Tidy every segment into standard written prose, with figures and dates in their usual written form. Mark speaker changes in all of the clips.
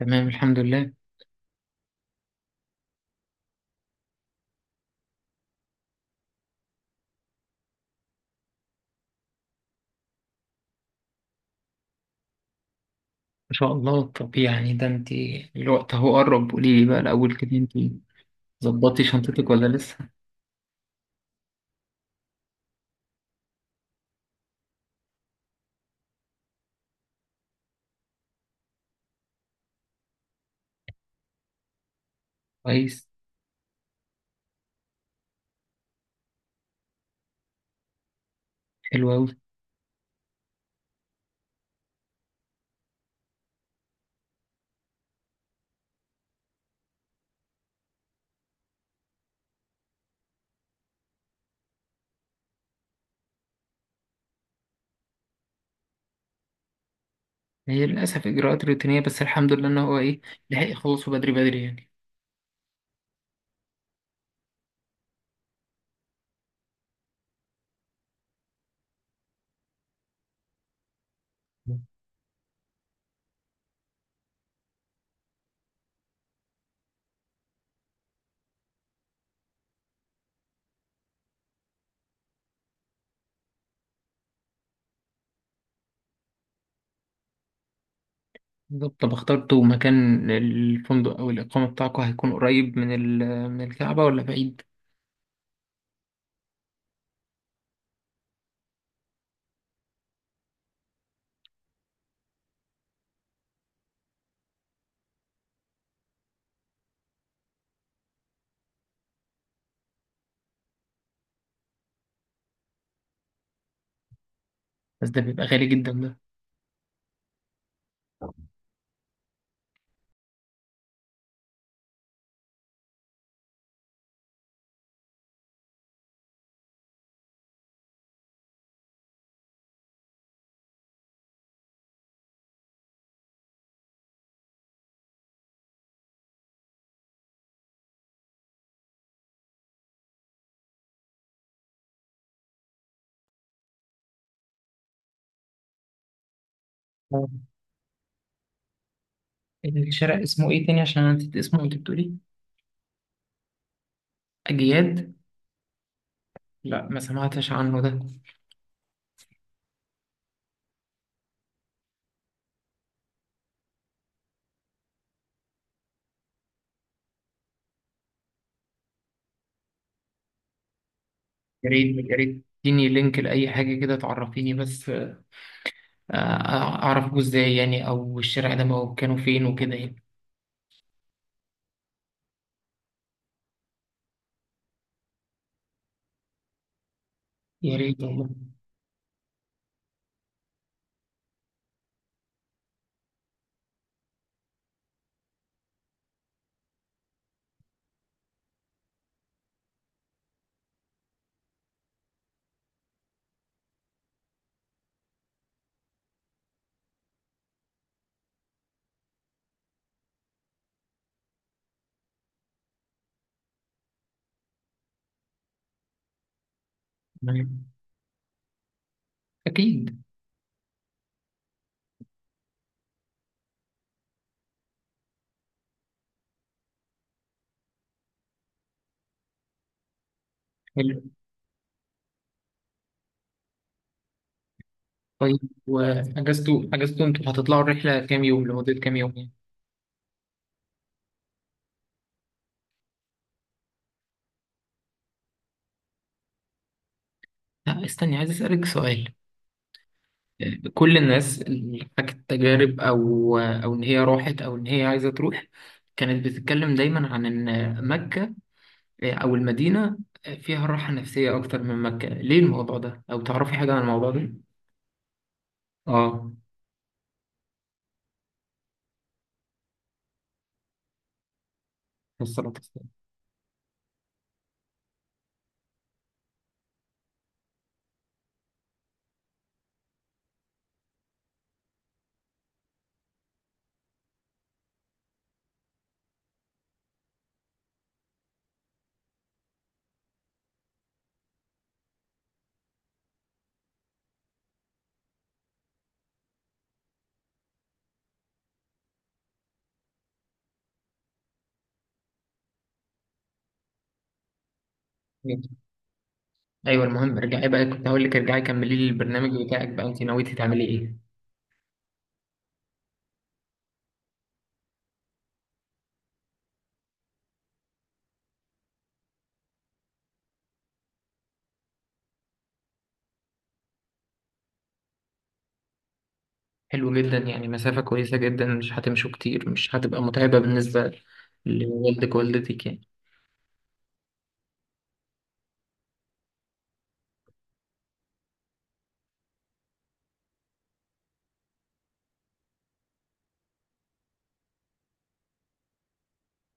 Speaker 1: تمام، الحمد لله. ان شاء الله. طب يعني ده انت الوقت اهو قرب، قولي لي بقى الاول كده، انت ظبطتي شنطتك ولا لسه؟ كويس. حلو قوي. هي للاسف اجراءات روتينيه، بس الحمد لله ان هو ايه، لحق يخلصوا بدري بدري يعني. بالظبط. طب اخترتوا مكان الفندق او الاقامه بتاعكم هيكون قريب من من الكعبه ولا بعيد؟ بس ده بيبقى غالي جدا ده. آه. الشارع اسمه ايه تاني عشان انا نسيت اسمه، انت بتقولي اجياد؟ لا، ما سمعتش عنه ده. يا ريت يا ريت، اديني لينك لأي حاجة كده تعرفيني بس، أعرف جوز إزاي يعني، أو الشارع ده كانوا فين وكده يعني. يا ريت والله. تمام. أكيد. حلو. طيب، وأجازتوا أنتوا هتطلعوا الرحلة كام يوم، لمدة كام يوم يعني؟ لا استني، عايز أسألك سؤال. كل الناس اللي حكت تجارب أو إن هي راحت أو إن هي عايزة تروح كانت بتتكلم دايما عن إن مكة أو المدينة فيها راحة نفسية أكتر من مكة، ليه الموضوع ده؟ أو تعرفي حاجة عن الموضوع ده؟ آه، الصلاة والسلام. أيوه، المهم ارجعي بقى، كنت هقول لك ارجعي كملي لي البرنامج بتاعك بقى، أنت نويتي تعملي إيه؟ حلو جدا، يعني مسافة كويسة جدا، مش هتمشوا كتير، مش هتبقى متعبة بالنسبة لوالدك ووالدتك يعني.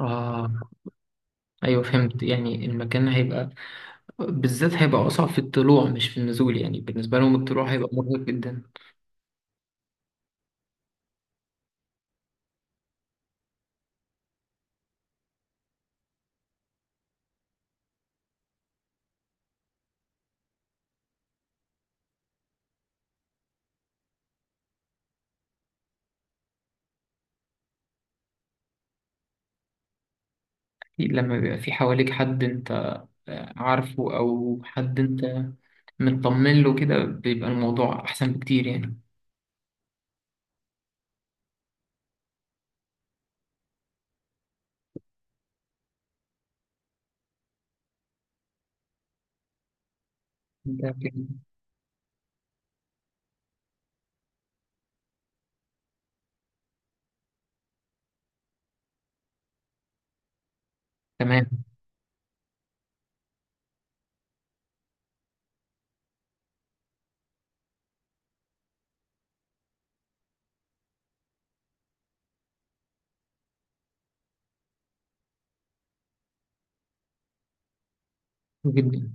Speaker 1: آه. أيوه فهمت، يعني المكان هيبقى بالذات هيبقى أصعب في الطلوع مش في النزول، يعني بالنسبة لهم الطلوع هيبقى مرهق جدا. لما بيبقى في حواليك حد أنت عارفه، أو حد أنت مطمن له كده، بيبقى الموضوع أحسن بكتير يعني. ده كده. تمام. حلو جدا.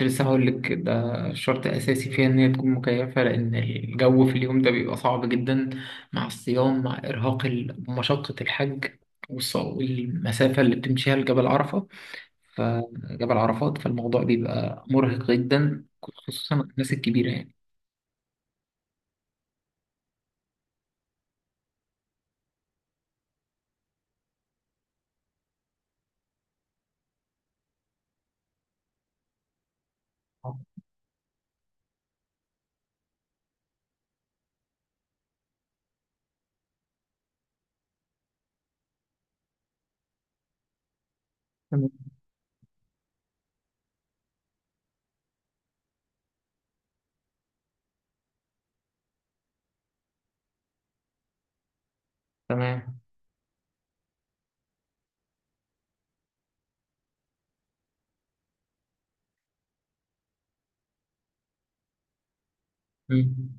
Speaker 1: كنت لسه هقول لك ده، شرط أساسي فيها إن هي تكون مكيفة، لأن الجو في اليوم ده بيبقى صعب جدا، مع الصيام، مع إرهاق مشقة الحج، والمسافة اللي بتمشيها لجبل عرفة، فجبل عرفات، فالموضوع بيبقى مرهق جدا، خصوصا الناس الكبيرة يعني. آه، تمام تمام. مم.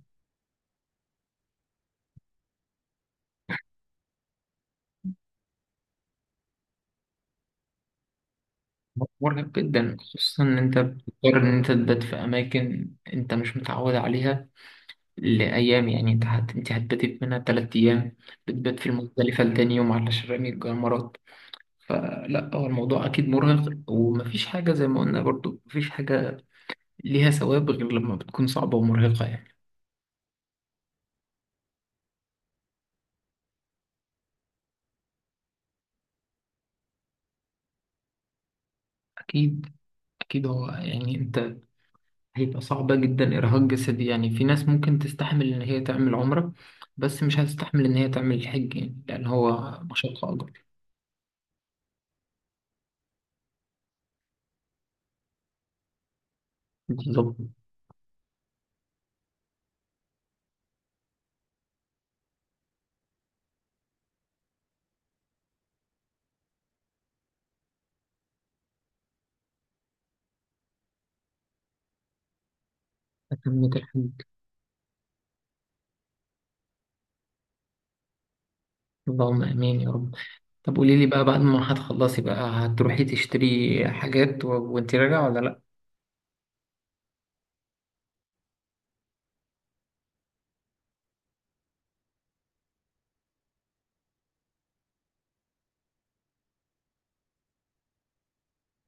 Speaker 1: مرهق جدا، خصوصا ان انت بتضطر ان انت تبات في اماكن انت مش متعود عليها لايام، يعني انت انت هتبات منها تلات ايام، بتبات في المختلفه لتاني يوم على شرامي الجمرات. فلا، هو الموضوع اكيد مرهق، ومفيش حاجه زي ما قلنا برضو مفيش حاجه ليها ثواب غير لما بتكون صعبه ومرهقه يعني. اكيد. اكيد. هو يعني انت هيبقى صعبه جدا، ارهاق جسدي يعني، في ناس ممكن تستحمل ان هي تعمل عمره، بس مش هتستحمل ان هي تعمل الحج يعني، لان هو مشقه اكبر. بالظبط. تمت الحج. اللهم امين يا رب. طب قولي لي بقى، بعد ما هتخلصي بقى هتروحي تشتري حاجات وانت راجعه ولا لا؟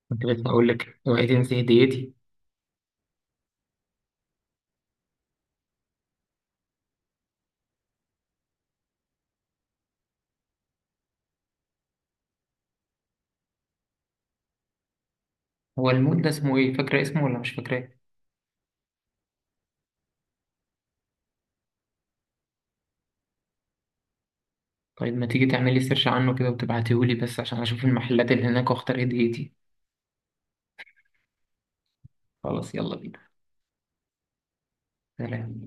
Speaker 1: كنت لسه هقول لك اوعي تنسي هديتي. هو المول ده اسمه ايه، فاكره اسمه ولا مش فاكراه؟ طيب ما تيجي تعملي سيرش عنه كده وتبعتيهولي بس عشان اشوف المحلات اللي هناك واختار هديتي. خلاص، يلا بينا. سلام.